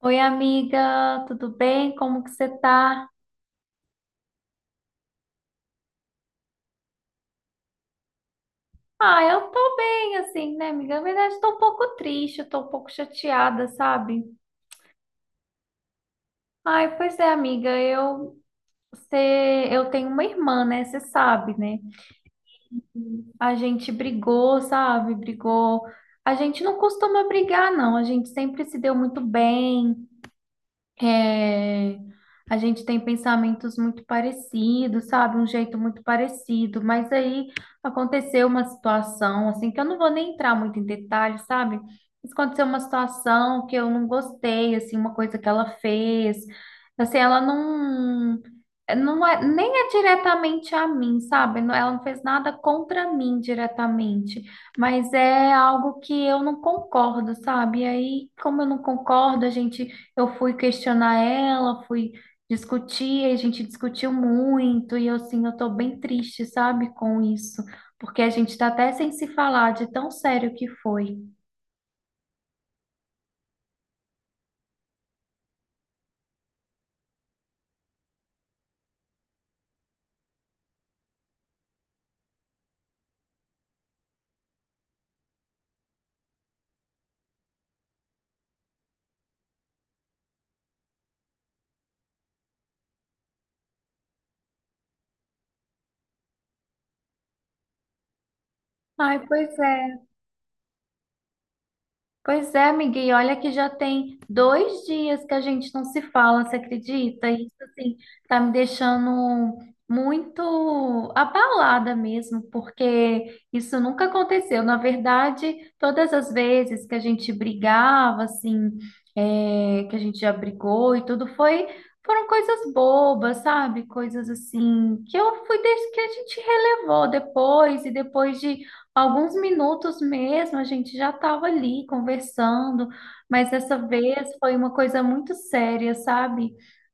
Oi, amiga, tudo bem? Como que você tá? Ah, eu tô bem, assim, né, amiga? Na verdade, tô um pouco triste, eu tô um pouco chateada, sabe? Ai, pois é, amiga, você, eu tenho uma irmã, né? Você sabe, né? A gente brigou, sabe? Brigou. A gente não costuma brigar, não. A gente sempre se deu muito bem. É, a gente tem pensamentos muito parecidos, sabe? Um jeito muito parecido, mas aí aconteceu uma situação, assim, que eu não vou nem entrar muito em detalhes, sabe? Mas aconteceu uma situação que eu não gostei, assim, uma coisa que ela fez, assim, ela não, eh, não é, nem é diretamente a mim, sabe? Ela não fez nada contra mim diretamente, mas é algo que eu não concordo, sabe? E aí, como eu não concordo, a gente eu fui questionar ela, fui discutir, a gente discutiu muito, e assim, eu tô bem triste, sabe, com isso, porque a gente tá até sem se falar de tão sério que foi. Ai, pois é. Pois é, amiga, e olha que já tem 2 dias que a gente não se fala, você acredita? Isso, assim, tá me deixando muito abalada mesmo, porque isso nunca aconteceu. Na verdade, todas as vezes que a gente brigava, assim, que a gente já brigou e tudo, foram coisas bobas, sabe? Coisas assim, que eu fui, des- que a gente relevou depois, e depois de alguns minutos mesmo, a gente já estava ali conversando, mas dessa vez foi uma coisa muito séria, sabe?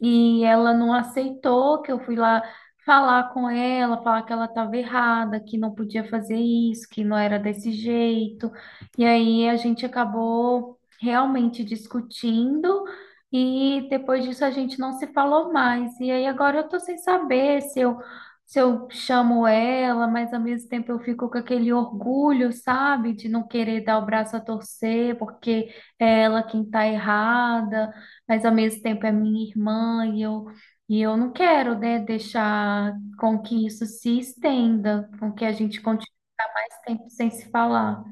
E ela não aceitou que eu fui lá falar com ela, falar que ela estava errada, que não podia fazer isso, que não era desse jeito. E aí a gente acabou realmente discutindo. E depois disso a gente não se falou mais. E aí agora eu tô sem saber se eu chamo ela, mas ao mesmo tempo eu fico com aquele orgulho, sabe, de não querer dar o braço a torcer, porque é ela quem tá errada, mas ao mesmo tempo é minha irmã e eu não quero, né, deixar com que isso se estenda, com que a gente continue a ficar mais tempo sem se falar.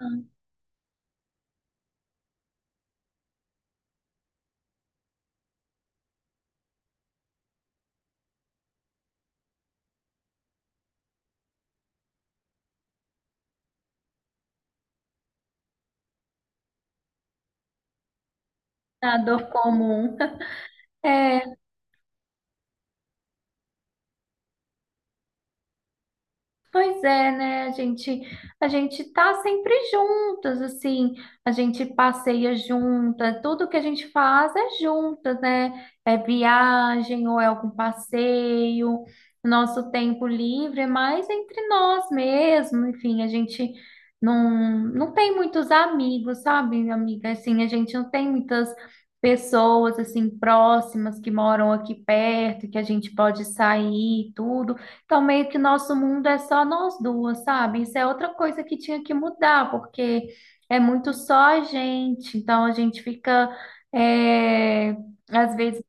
Ah, a dor comum. É, pois é, né? A gente tá sempre juntas, assim, a gente passeia juntas, tudo que a gente faz é juntas, né? É viagem ou é algum passeio, nosso tempo livre é mais entre nós mesmo, enfim, a gente não, não tem muitos amigos, sabe, amiga? Assim, a gente não tem muitas pessoas, assim, próximas que moram aqui perto, que a gente pode sair e tudo. Então, meio que nosso mundo é só nós duas, sabe? Isso é outra coisa que tinha que mudar, porque é muito só a gente. Então, a gente fica, é, às vezes,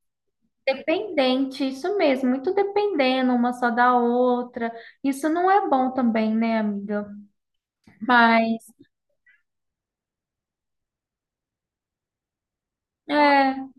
dependente, isso mesmo, muito dependendo uma só da outra. Isso não é bom também, né, amiga? Mas, é.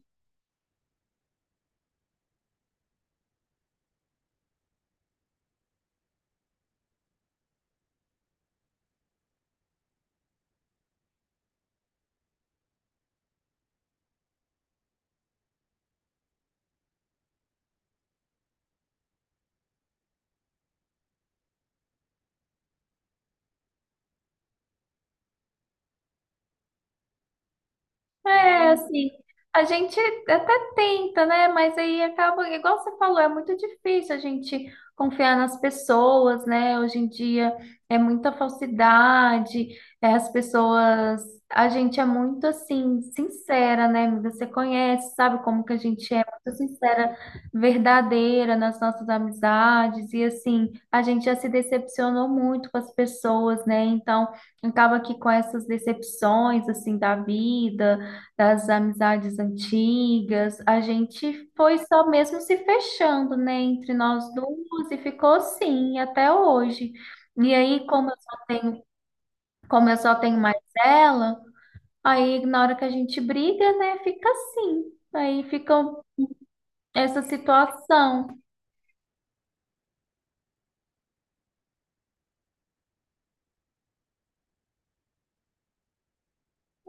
É, então, assim, a gente até tenta, né? Mas aí acaba, igual você falou, é muito difícil a gente confiar nas pessoas, né? Hoje em dia é muita falsidade, é, as pessoas, a gente é muito assim, sincera, né? Você conhece, sabe como que a gente é muito sincera, verdadeira nas nossas amizades, e assim, a gente já se decepcionou muito com as pessoas, né? Então, acaba que com essas decepções, assim, da vida das amizades antigas, a gente foi só mesmo se fechando, né, entre nós duas e ficou assim até hoje. E aí, como eu só tenho mais ela, aí na hora que a gente briga, né, fica assim. Aí fica essa situação.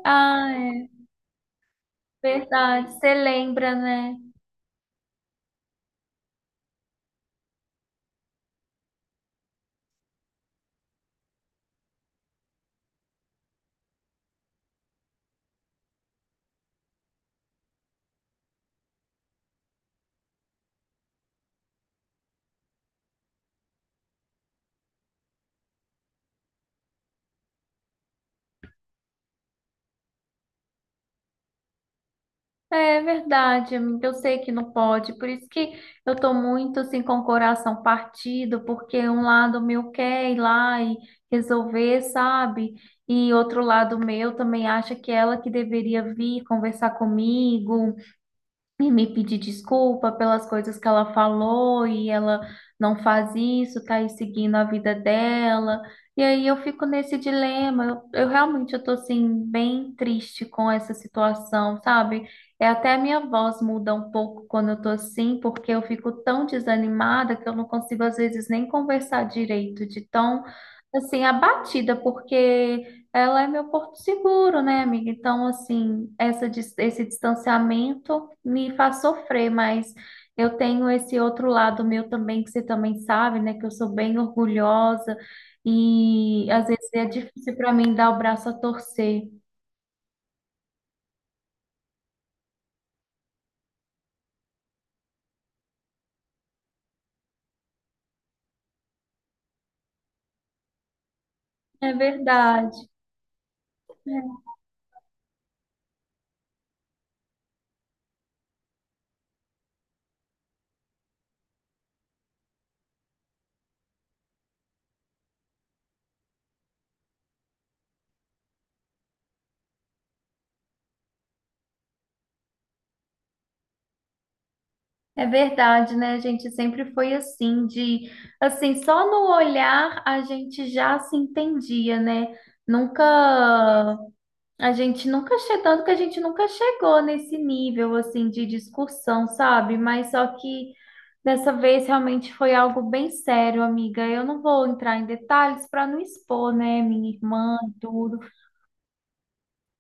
Ah, é verdade, você lembra, né? É verdade, amiga. Eu sei que não pode, por isso que eu tô muito assim com o coração partido, porque um lado meu quer ir lá e resolver, sabe? E outro lado meu também acha que ela que deveria vir conversar comigo, e me pedir desculpa pelas coisas que ela falou e ela não faz isso, tá aí seguindo a vida dela. E aí eu fico nesse dilema. Eu realmente eu tô assim bem triste com essa situação, sabe? É até a minha voz muda um pouco quando eu tô assim, porque eu fico tão desanimada que eu não consigo às vezes nem conversar direito, de tão assim abatida, porque ela é meu porto seguro, né, amiga? Então, assim, esse distanciamento me faz sofrer, mas eu tenho esse outro lado meu também, que você também sabe, né, que eu sou bem orgulhosa e às vezes é difícil para mim dar o braço a torcer. É verdade. É verdade, né? Gente sempre foi assim, de assim, só no olhar a gente já se entendia, né? Nunca A gente nunca chegou, tanto que a gente nunca chegou nesse nível assim de discussão, sabe? Mas só que dessa vez realmente foi algo bem sério, amiga. Eu não vou entrar em detalhes para não expor, né, minha irmã, e tudo,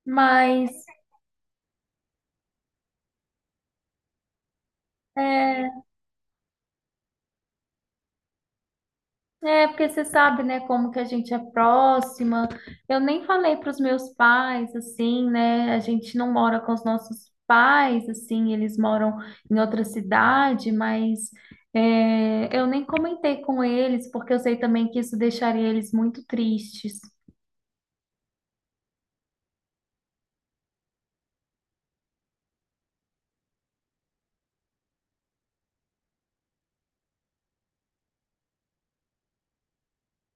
mas é. É, porque você sabe, né, como que a gente é próxima. Eu nem falei para os meus pais, assim, né? A gente não mora com os nossos pais, assim, eles moram em outra cidade, mas eu nem comentei com eles, porque eu sei também que isso deixaria eles muito tristes.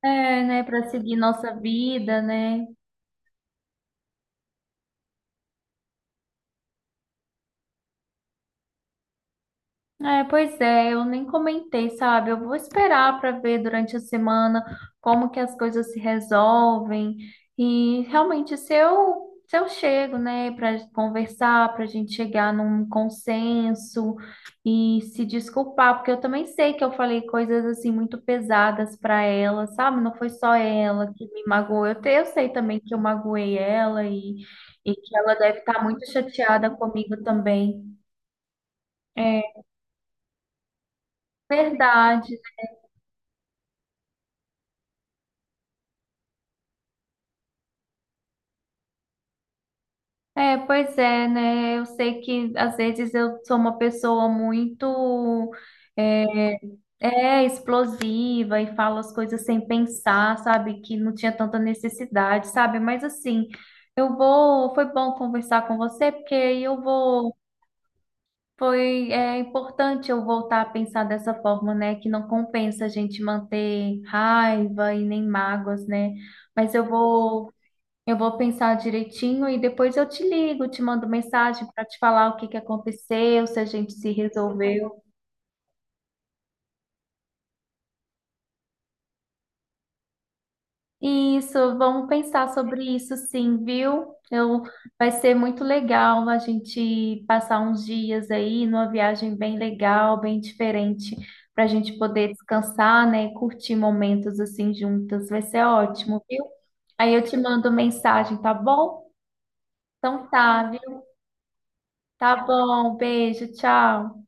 É, né, para seguir nossa vida, né? É, pois é, eu nem comentei, sabe? Eu vou esperar para ver durante a semana como que as coisas se resolvem. E realmente, se eu chego, né, para conversar, para a gente chegar num consenso e se desculpar, porque eu também sei que eu falei coisas assim muito pesadas para ela, sabe? Não foi só ela que me magoou. Eu sei também que eu magoei ela e, que ela deve estar muito chateada comigo também. É verdade. É, pois é, né? Eu sei que às vezes eu sou uma pessoa muito é, explosiva e falo as coisas sem pensar, sabe? Que não tinha tanta necessidade, sabe? Mas assim, eu vou. Foi bom conversar com você, porque aí eu vou. Foi importante eu voltar a pensar dessa forma, né? Que não compensa a gente manter raiva e nem mágoas, né? Mas eu vou. Eu vou pensar direitinho e depois eu te ligo, te mando mensagem para te falar o que que aconteceu, se a gente se resolveu. Isso, vamos pensar sobre isso sim, viu? Vai ser muito legal a gente passar uns dias aí numa viagem bem legal, bem diferente, para a gente poder descansar, né, e curtir momentos assim juntas. Vai ser ótimo, viu? Aí eu te mando mensagem, tá bom? Então tá, viu? Tá bom, beijo, tchau.